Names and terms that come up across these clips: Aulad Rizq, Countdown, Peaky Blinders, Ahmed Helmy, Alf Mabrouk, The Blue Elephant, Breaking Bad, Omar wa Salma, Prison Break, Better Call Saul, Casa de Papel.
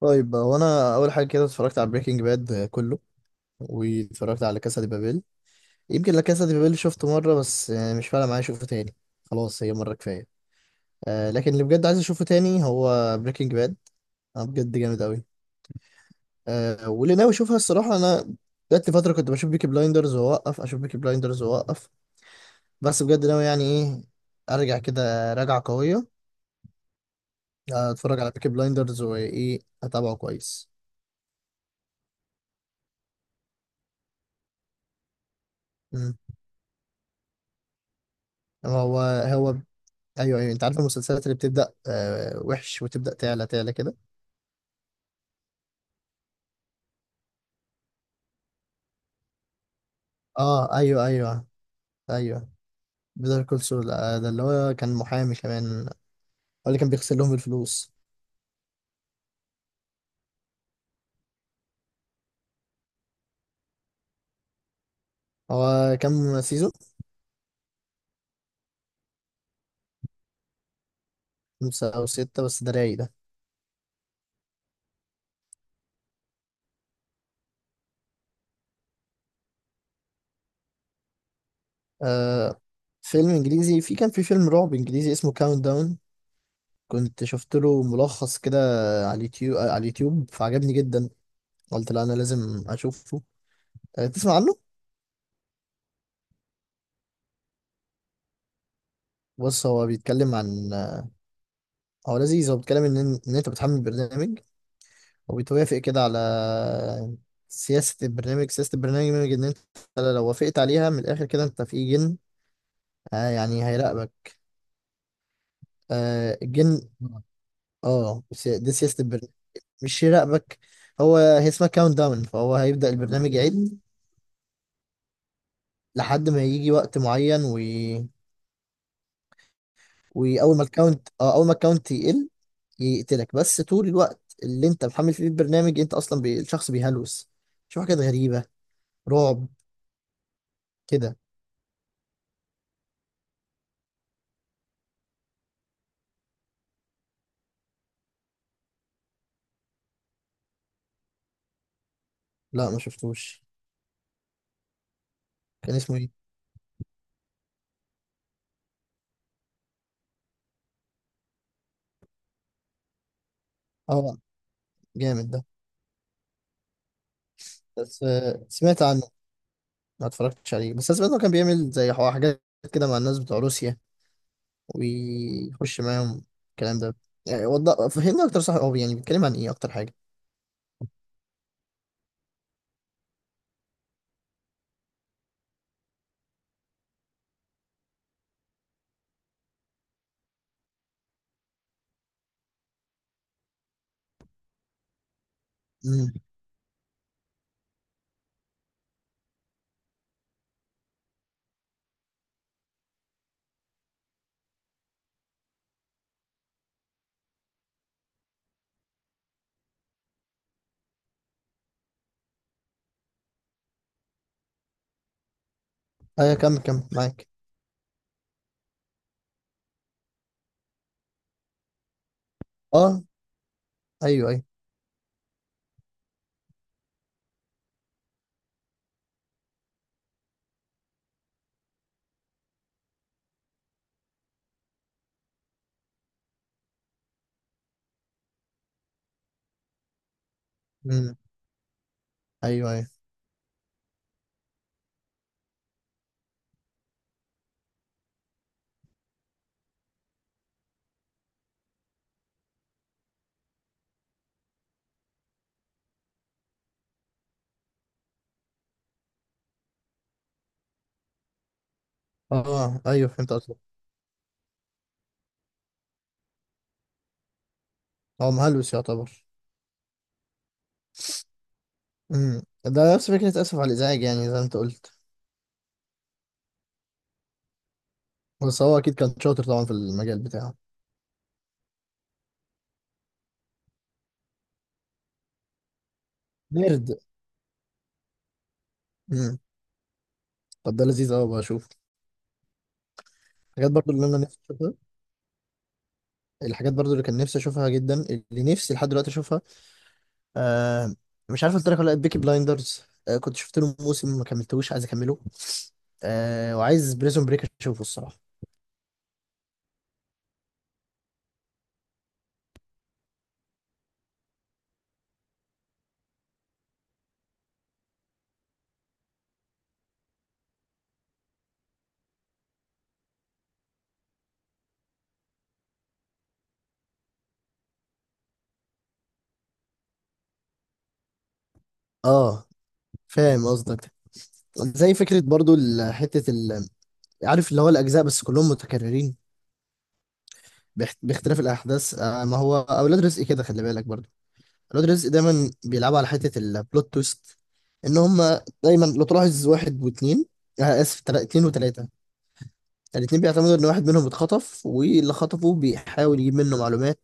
طيب، هو انا اول حاجه كده اتفرجت على بريكنج باد كله، واتفرجت على كاسا دي بابيل. يمكن لا، كاسا دي بابيل شفته مره بس، يعني مش فارقه معايا اشوفه تاني. خلاص هي مره كفايه. آه، لكن اللي بجد عايز اشوفه تاني هو بريكنج باد، انا بجد جامد قوي. آه، واللي ناوي اشوفها الصراحه انا، جات لي فتره كنت بشوف بيكي بلايندرز واوقف، اشوف بيكي بلايندرز واوقف، بس بجد ناوي، يعني ايه، ارجع كده راجعه قويه. آه، اتفرج على بيكي بلايندرز، وايه اتابعه كويس. مم. هو ايوه ايوه، انت عارف المسلسلات اللي بتبدا وحش وتبدا تعلى تعلى كده. اه ايوه ايوه ايوه، بيتر كول سول، ده اللي هو كان محامي كمان، هو اللي كان بيغسل لهم الفلوس. هو كام سيزون؟ 5 أو 6، بس ده رايق ده. آه، فيلم انجليزي، كان في فيلم رعب انجليزي اسمه كاونت داون، كنت شفت له ملخص كده على اليوتيوب فعجبني جدا، قلت لا انا لازم اشوفه. آه، تسمع عنه؟ بص، هو بيتكلم عن هو لذيذ، هو بيتكلم ان انت بتحمل برنامج وبتوافق كده على سياسة البرنامج، إن أنت لو وافقت عليها من الآخر كده أنت في جن، يعني هيراقبك. آه الجن. اه دي سياسة البرنامج، مش يراقبك. هو هي اسمها كاونت داون، فهو هيبدأ البرنامج يعد لحد ما يجي وقت معين وأول ما الكاونت يقل يقتلك، بس طول الوقت اللي أنت محمل فيه البرنامج أنت أصلا الشخص بيهلوس، شوف حاجات غريبة، رعب كده. لا ما شفتوش، كان اسمه إيه؟ اه جامد ده. بس سمعت عنه، ما اتفرجتش عليه بس انا سمعت انه كان بيعمل زي حاجات كده مع الناس بتوع روسيا ويخش معاهم الكلام ده، يعني وضح فهمني اكتر، صح هو يعني بيتكلم عن ايه اكتر حاجه؟ امم، ايوه، كمل كمل معاك. اه ايوه ايوه. امم، ايوه ايوه. اه ايوه فهمت قصدك. هو مهلوس يعتبر. ده نفس فكره اسف على الازعاج، يعني زي ما انت قلت. بس هو اكيد كان شاطر طبعا في المجال بتاعه. نرد. امم طب ده لذيذ قوي، بشوف حاجات برضو اللي انا نفسي اشوفها. الحاجات برضو اللي كان نفسي اشوفها جدا، اللي نفسي لحد دلوقتي اشوفها. آه، مش عارف قلت لك ولا لا، بيكي بلايندرز كنت شفت له موسم ما كملتهوش، عايز اكمله. آه، وعايز بريزون بريك اشوفه الصراحه. اه فاهم قصدك، زي فكره برضو حته عارف اللي هو الاجزاء، بس كلهم متكررين باختلاف الاحداث. آه، ما هو اولاد رزق كده خلي بالك برضو، اولاد رزق دايما بيلعبوا على حته البلوت تويست، ان هم دايما لو تلاحظ 1 و2، آه اسف 2 و3، يعني الاتنين بيعتمدوا ان واحد منهم اتخطف واللي خطفه بيحاول يجيب منه معلومات،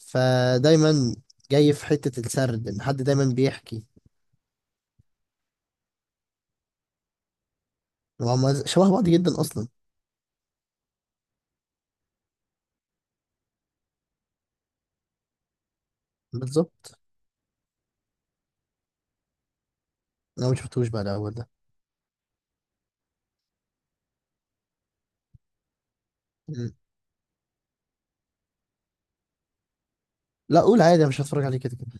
فدايما جاي في حتة السرد ان حد دايما بيحكي. وهم شبه بعض جدا اصلا. بالظبط. انا ما شفتوش بقى الاول ده. مم. لا قول عادي، انا مش هتفرج عليه كده كده.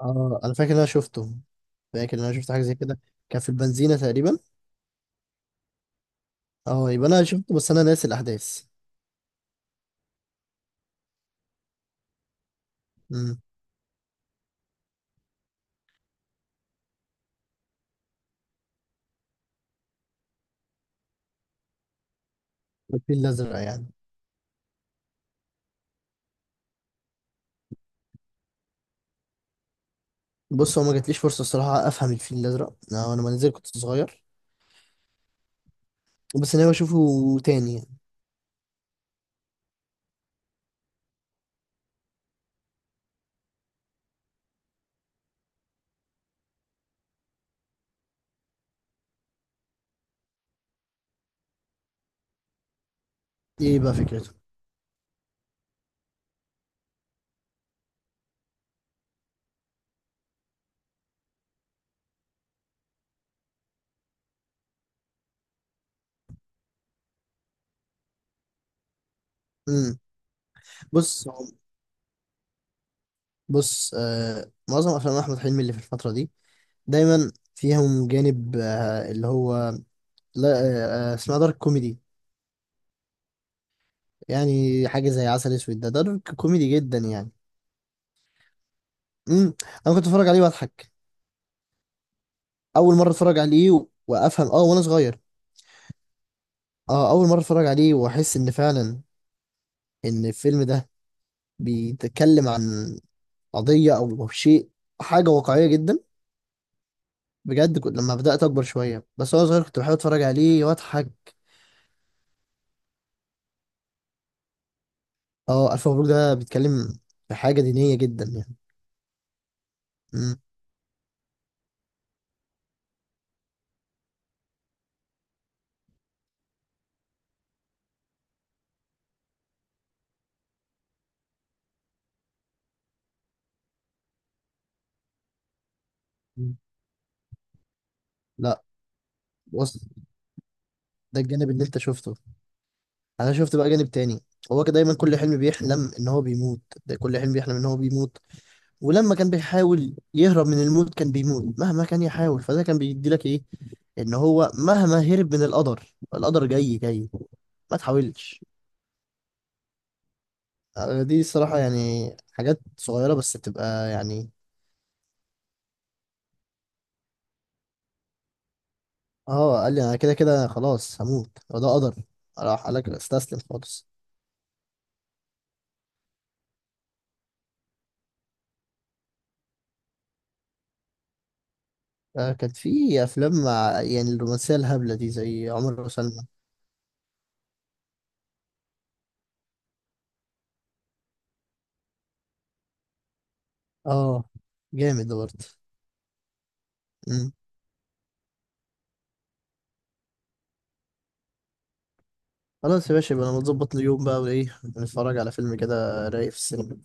اه انا فاكر ان انا شفته، فاكر ان انا شفت حاجة زي كده، كان في البنزينة تقريبا. اه يبقى انا شفته بس انا ناسي الاحداث. امم الفيل الازرق يعني؟ بص، هو ما جاتليش فرصة الصراحة افهم الفيل الازرق انا، أنا لما نزل كنت صغير، بس انا بشوفه تاني يعني. ايه بقى فكرته؟ امم بص بص معظم افلام احمد حلمي اللي في الفتره دي دايما فيهم جانب اللي هو لا، اسمها دارك كوميدي، يعني حاجه زي عسل اسود ده دارك كوميدي جدا يعني. امم انا كنت اتفرج عليه واضحك، اول مره اتفرج عليه وافهم وانا صغير. اه اول مره اتفرج عليه واحس ان فعلا ان الفيلم ده بيتكلم عن قضيه أو شيء، حاجه واقعيه جدا بجد، كنت لما بدات اكبر شويه، بس وانا صغير كنت بحب اتفرج عليه واضحك. اه الف مبروك ده بيتكلم في حاجه دينيه جدا يعني. مم. مم. لا بص، ده الجانب اللي انت شفته، انا شفت بقى جانب تاني، هو كان دايما كل حلم بيحلم ان هو بيموت، ده كل حلم بيحلم ان هو بيموت، ولما كان بيحاول يهرب من الموت كان بيموت مهما كان يحاول، فده كان بيدي لك ايه، ان هو مهما هرب من القدر القدر جاي جاي، ما تحاولش. آه، دي الصراحة يعني حاجات صغيرة بس بتبقى يعني. اه قال لي انا كده كده خلاص هموت وده قدر، راح قال لك استسلم خالص. آه، كانت في افلام مع يعني الرومانسيه الهبله دي زي عمر وسلمى. اه جامد ده برضه. مم. خلاص يا باشا، يبقى انا متظبط يوم بقى، وايه نتفرج على فيلم كده رايق في السينما.